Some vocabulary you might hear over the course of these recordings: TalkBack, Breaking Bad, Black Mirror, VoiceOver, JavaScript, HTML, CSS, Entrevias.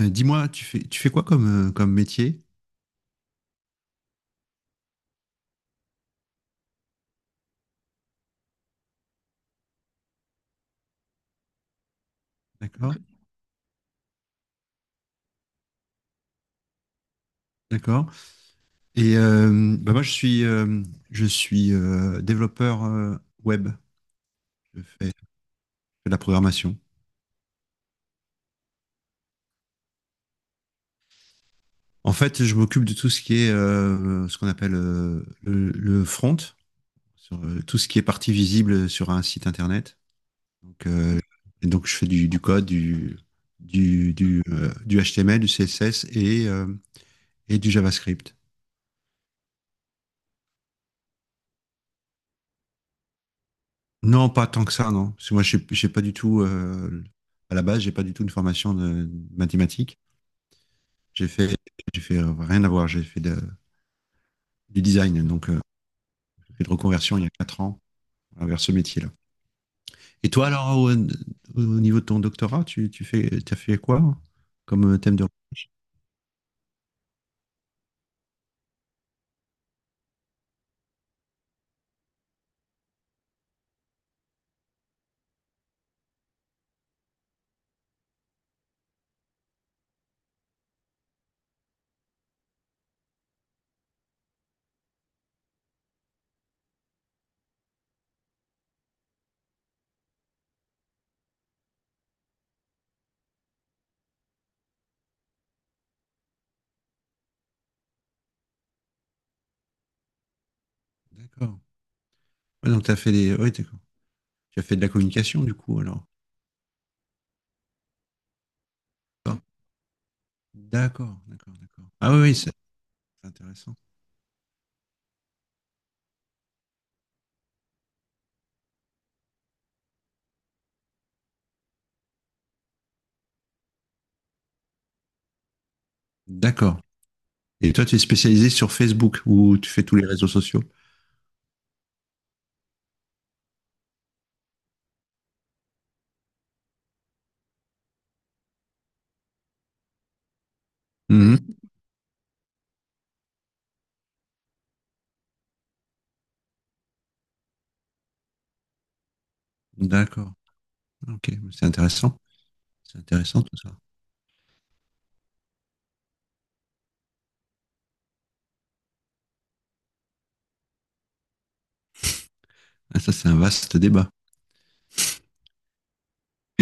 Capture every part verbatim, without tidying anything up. Euh, dis-moi, tu fais, tu fais quoi comme, euh, comme métier? D'accord, d'accord. Et euh, bah, moi, je suis, euh, je suis euh, développeur euh, web. Je fais, je fais de la programmation. En fait, je m'occupe de tout ce qui est euh, ce qu'on appelle euh, le, le front, sur, euh, tout ce qui est partie visible sur un site internet. Donc, euh, et donc je fais du, du code, du, du, du, euh, du H T M L, du C S S et, euh, et du JavaScript. Non, pas tant que ça, non. Parce que moi, je suis- j'ai pas du tout, euh, à la base, j'ai pas du tout une formation de de mathématiques. J'ai fait, j'ai fait euh, Rien à voir. J'ai fait de- du design, donc euh, j'ai fait de reconversion il y a quatre ans euh, vers ce métier-là. Et toi, alors, au, au niveau de ton doctorat, tu, tu fais, t'as fait quoi comme euh, thème de recherche? D'accord. Ouais, donc t'as fait des, ouais, d'accord. Tu as fait de la communication, du coup, alors. D'accord, d'accord, d'accord, d'accord. Ah oui, oui, c'est c'est intéressant. D'accord. Et toi, tu es spécialisé sur Facebook ou tu fais tous les réseaux sociaux? Mmh. D'accord. Ok, c'est intéressant. C'est intéressant tout ça. Ah, ça, c'est un vaste débat.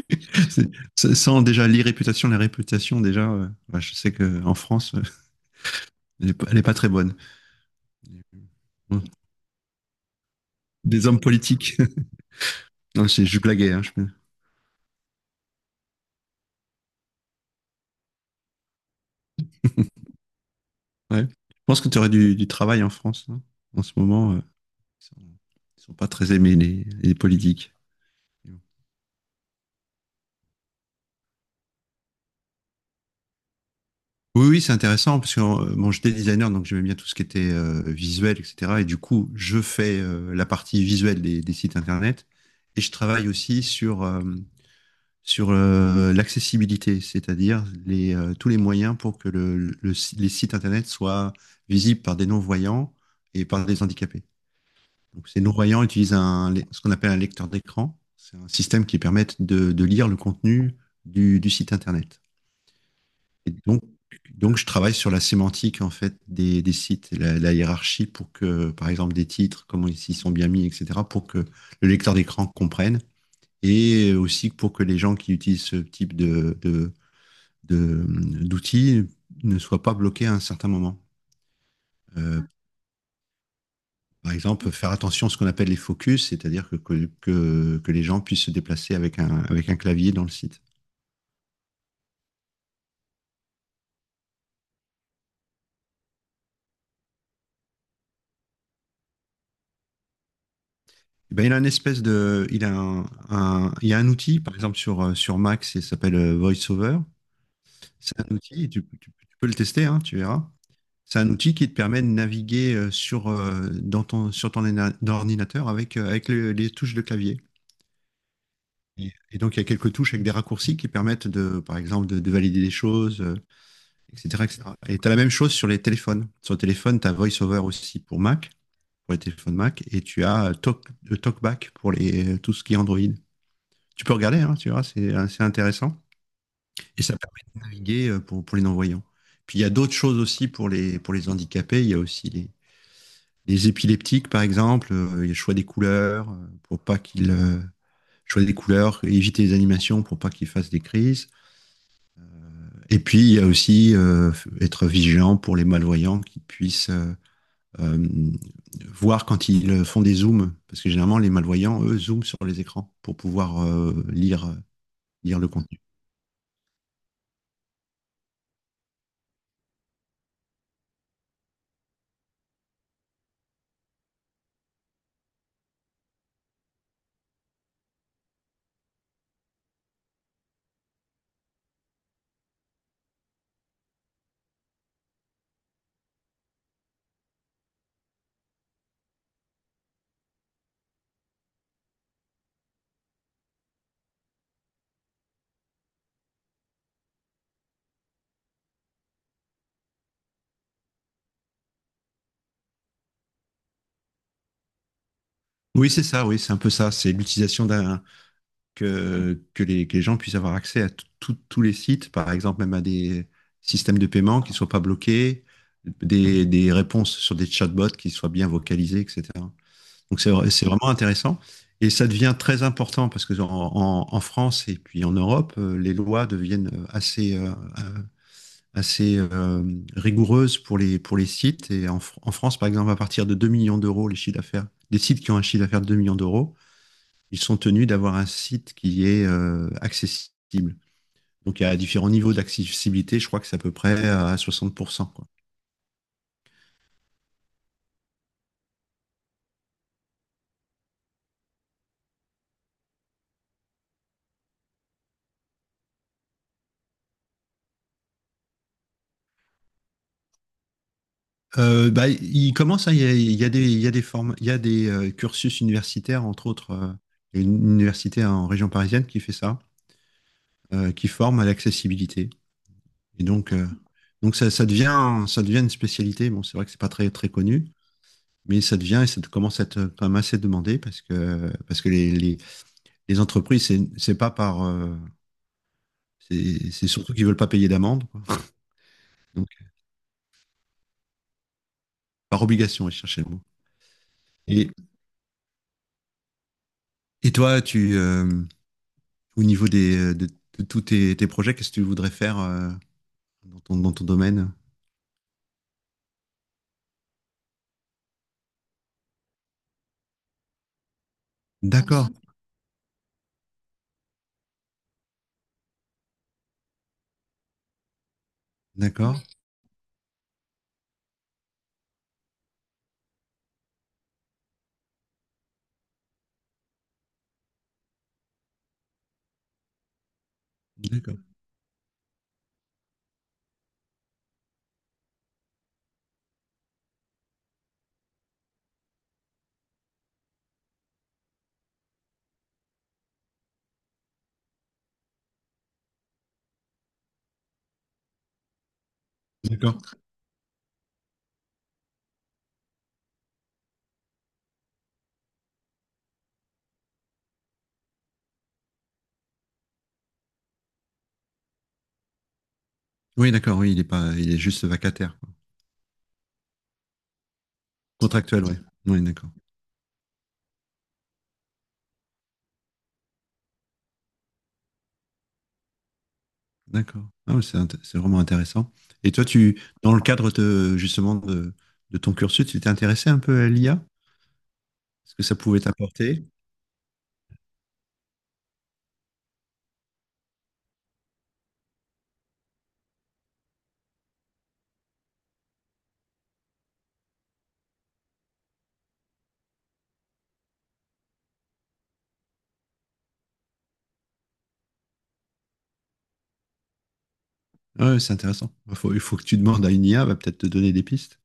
C'est- c'est- Sans déjà l'irréputation, la réputation, déjà, euh, bah, je sais qu'en France, euh, elle n'est pas, elle est pas très bonne. Bon. Des hommes politiques. Non, c'est- Je blaguais, hein, je... Ouais. Je pense que tu aurais du, du travail en France, hein. En ce moment, euh, ils sont, ils sont pas très aimés, les, les politiques. Oui, oui, c'est intéressant parce que euh, bon, j'étais designer, donc j'aimais bien tout ce qui était euh, visuel, et cetera. Et du coup, je fais euh, la partie visuelle des, des sites internet et je travaille aussi sur euh, sur euh, l'accessibilité, c'est-à-dire les euh, tous les moyens pour que le, le si- les sites internet soient visibles par des non-voyants et par des handicapés. Donc, ces non-voyants utilisent un lec- ce qu'on appelle un lecteur d'écran. C'est un système qui permet de, de lire le contenu du, du site internet. Et donc, donc, je travaille sur la sémantique en fait des, des sites, la, la hiérarchie pour que, par exemple, des titres, comment ils s'y sont bien mis, et cetera, pour que le lecteur d'écran comprenne, et aussi pour que les gens qui utilisent ce type de, de, de- d'outils ne soient pas bloqués à un certain moment. Euh, Par exemple, faire attention à ce qu'on appelle les focus, c'est-à-dire que, que, que- que les gens puissent se déplacer avec un, avec un clavier dans le site. Ben, il a une espèce de, il a un, un- Il y a un outil, par exemple sur, euh, sur Mac, c'est- ça s'appelle euh, VoiceOver. C'est un outil, tu, tu- tu peux le tester, hein, tu verras. C'est un outil qui te permet de naviguer euh, sur, euh, dans ton, sur ton éna- ordinateur avec, euh, avec le- les touches de clavier. Et, et donc, il y a quelques touches avec des raccourcis qui permettent, de, par exemple, de, de valider des choses, euh, et cetera, et cetera, et cetera. Et tu as la même chose sur les téléphones. Sur le téléphone, tu as VoiceOver aussi pour Mac, pour les téléphones Mac, et tu as euh, Talk, euh, TalkBack pour les, euh, tout ce qui est Android. Tu peux regarder, hein, tu vois, c'est assez intéressant. Et ça permet de naviguer euh, pour, pour les non-voyants. Puis il y a d'autres choses aussi pour les, pour les handicapés. Il y a aussi les, les épileptiques, par exemple. Euh, Il y a le choix des couleurs euh, pour pas qu'ils euh, choix des couleurs, éviter les animations pour pas qu'ils fassent des crises. Et puis il y a aussi euh, être vigilant pour les malvoyants qui puissent euh, euh, voir quand ils font des zooms, parce que généralement les malvoyants eux zooment sur les écrans pour pouvoir euh, lire lire le contenu. Oui, c'est ça, oui, c'est un peu ça. C'est l'utilisation d'un que, que les, que les gens puissent avoir accès à tout- tout- tous les sites, par exemple même à des systèmes de paiement qui ne soient pas bloqués, des, des réponses sur des chatbots qui soient bien vocalisées, et cetera. Donc c'est vra- c'est vraiment intéressant. Et ça devient très important parce que en, en- en France et puis en Europe, euh, les lois deviennent assez, euh, assez euh, rigoureuses pour les, pour les sites. Et en, Fr- en France, par exemple, à partir de deux millions d'euros, les chiffres d'affaires, des sites qui ont un chiffre d'affaires de deux millions d'euros, ils sont tenus d'avoir un site qui est euh, accessible. Donc, il y a différents niveaux d'accessibilité, je crois que c'est à peu près à soixante pour cent, quoi. Euh, bah, il commence, hein, il, y a, il y a des, il y a des, formes, il y a des euh, cursus universitaires, entre autres, euh, une université en région parisienne qui fait ça, euh, qui forme à l'accessibilité. Et donc, euh, donc ça, ça, devient, ça devient une spécialité. Bon, c'est vrai que c'est pas très, très connu, mais ça devient et ça commence à être quand même assez demandé parce que, parce que les, les, les entreprises, c'est, c'est pas par, euh, C'est c'est surtout qu'ils veulent pas payer d'amende, quoi. Donc, par obligation, ils cherchaient le mot. Et, et toi, tu, euh, au niveau des, euh, de, de tous tes, tes projets, qu'est-ce que tu voudrais faire euh, dans ton, dans ton domaine? D'accord, d'accord, d'accord, d'accord. Oui, d'accord, oui, il est pas, il est juste vacataire, quoi. Contractuel, oui. Oui, d'accord, d'accord. Ah, ouais, c'est int- c'est vraiment intéressant. Et toi, tu, dans le cadre de, justement de, de ton cursus, tu t'es intéressé un peu à l'I A? Ce que ça pouvait t'apporter. Ah ouais, c'est intéressant. Il faut, il faut que tu demandes à une I A, elle va peut-être te donner des pistes.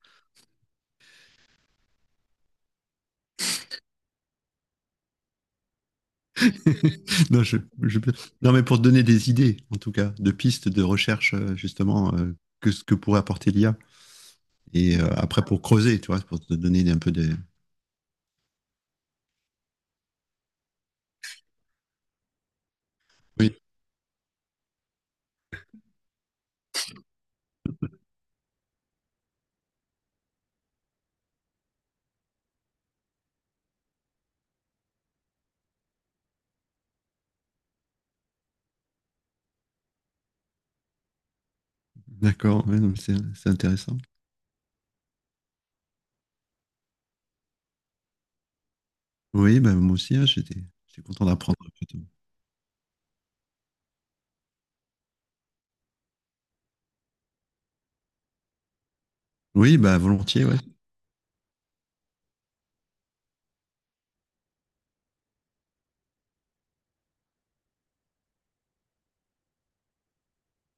Non, je, je- non, mais pour te donner des idées, en tout cas, de pistes de recherche, euh, justement, euh, que ce que pourrait apporter l'I A. Et euh, après, pour creuser, tu vois, pour te donner un peu des... Oui, d'accord, ouais, non, mais c'est c'est intéressant. Oui, ben, moi aussi, hein, j'étais j'étais content d'apprendre. Oui, bah volontiers, ouais.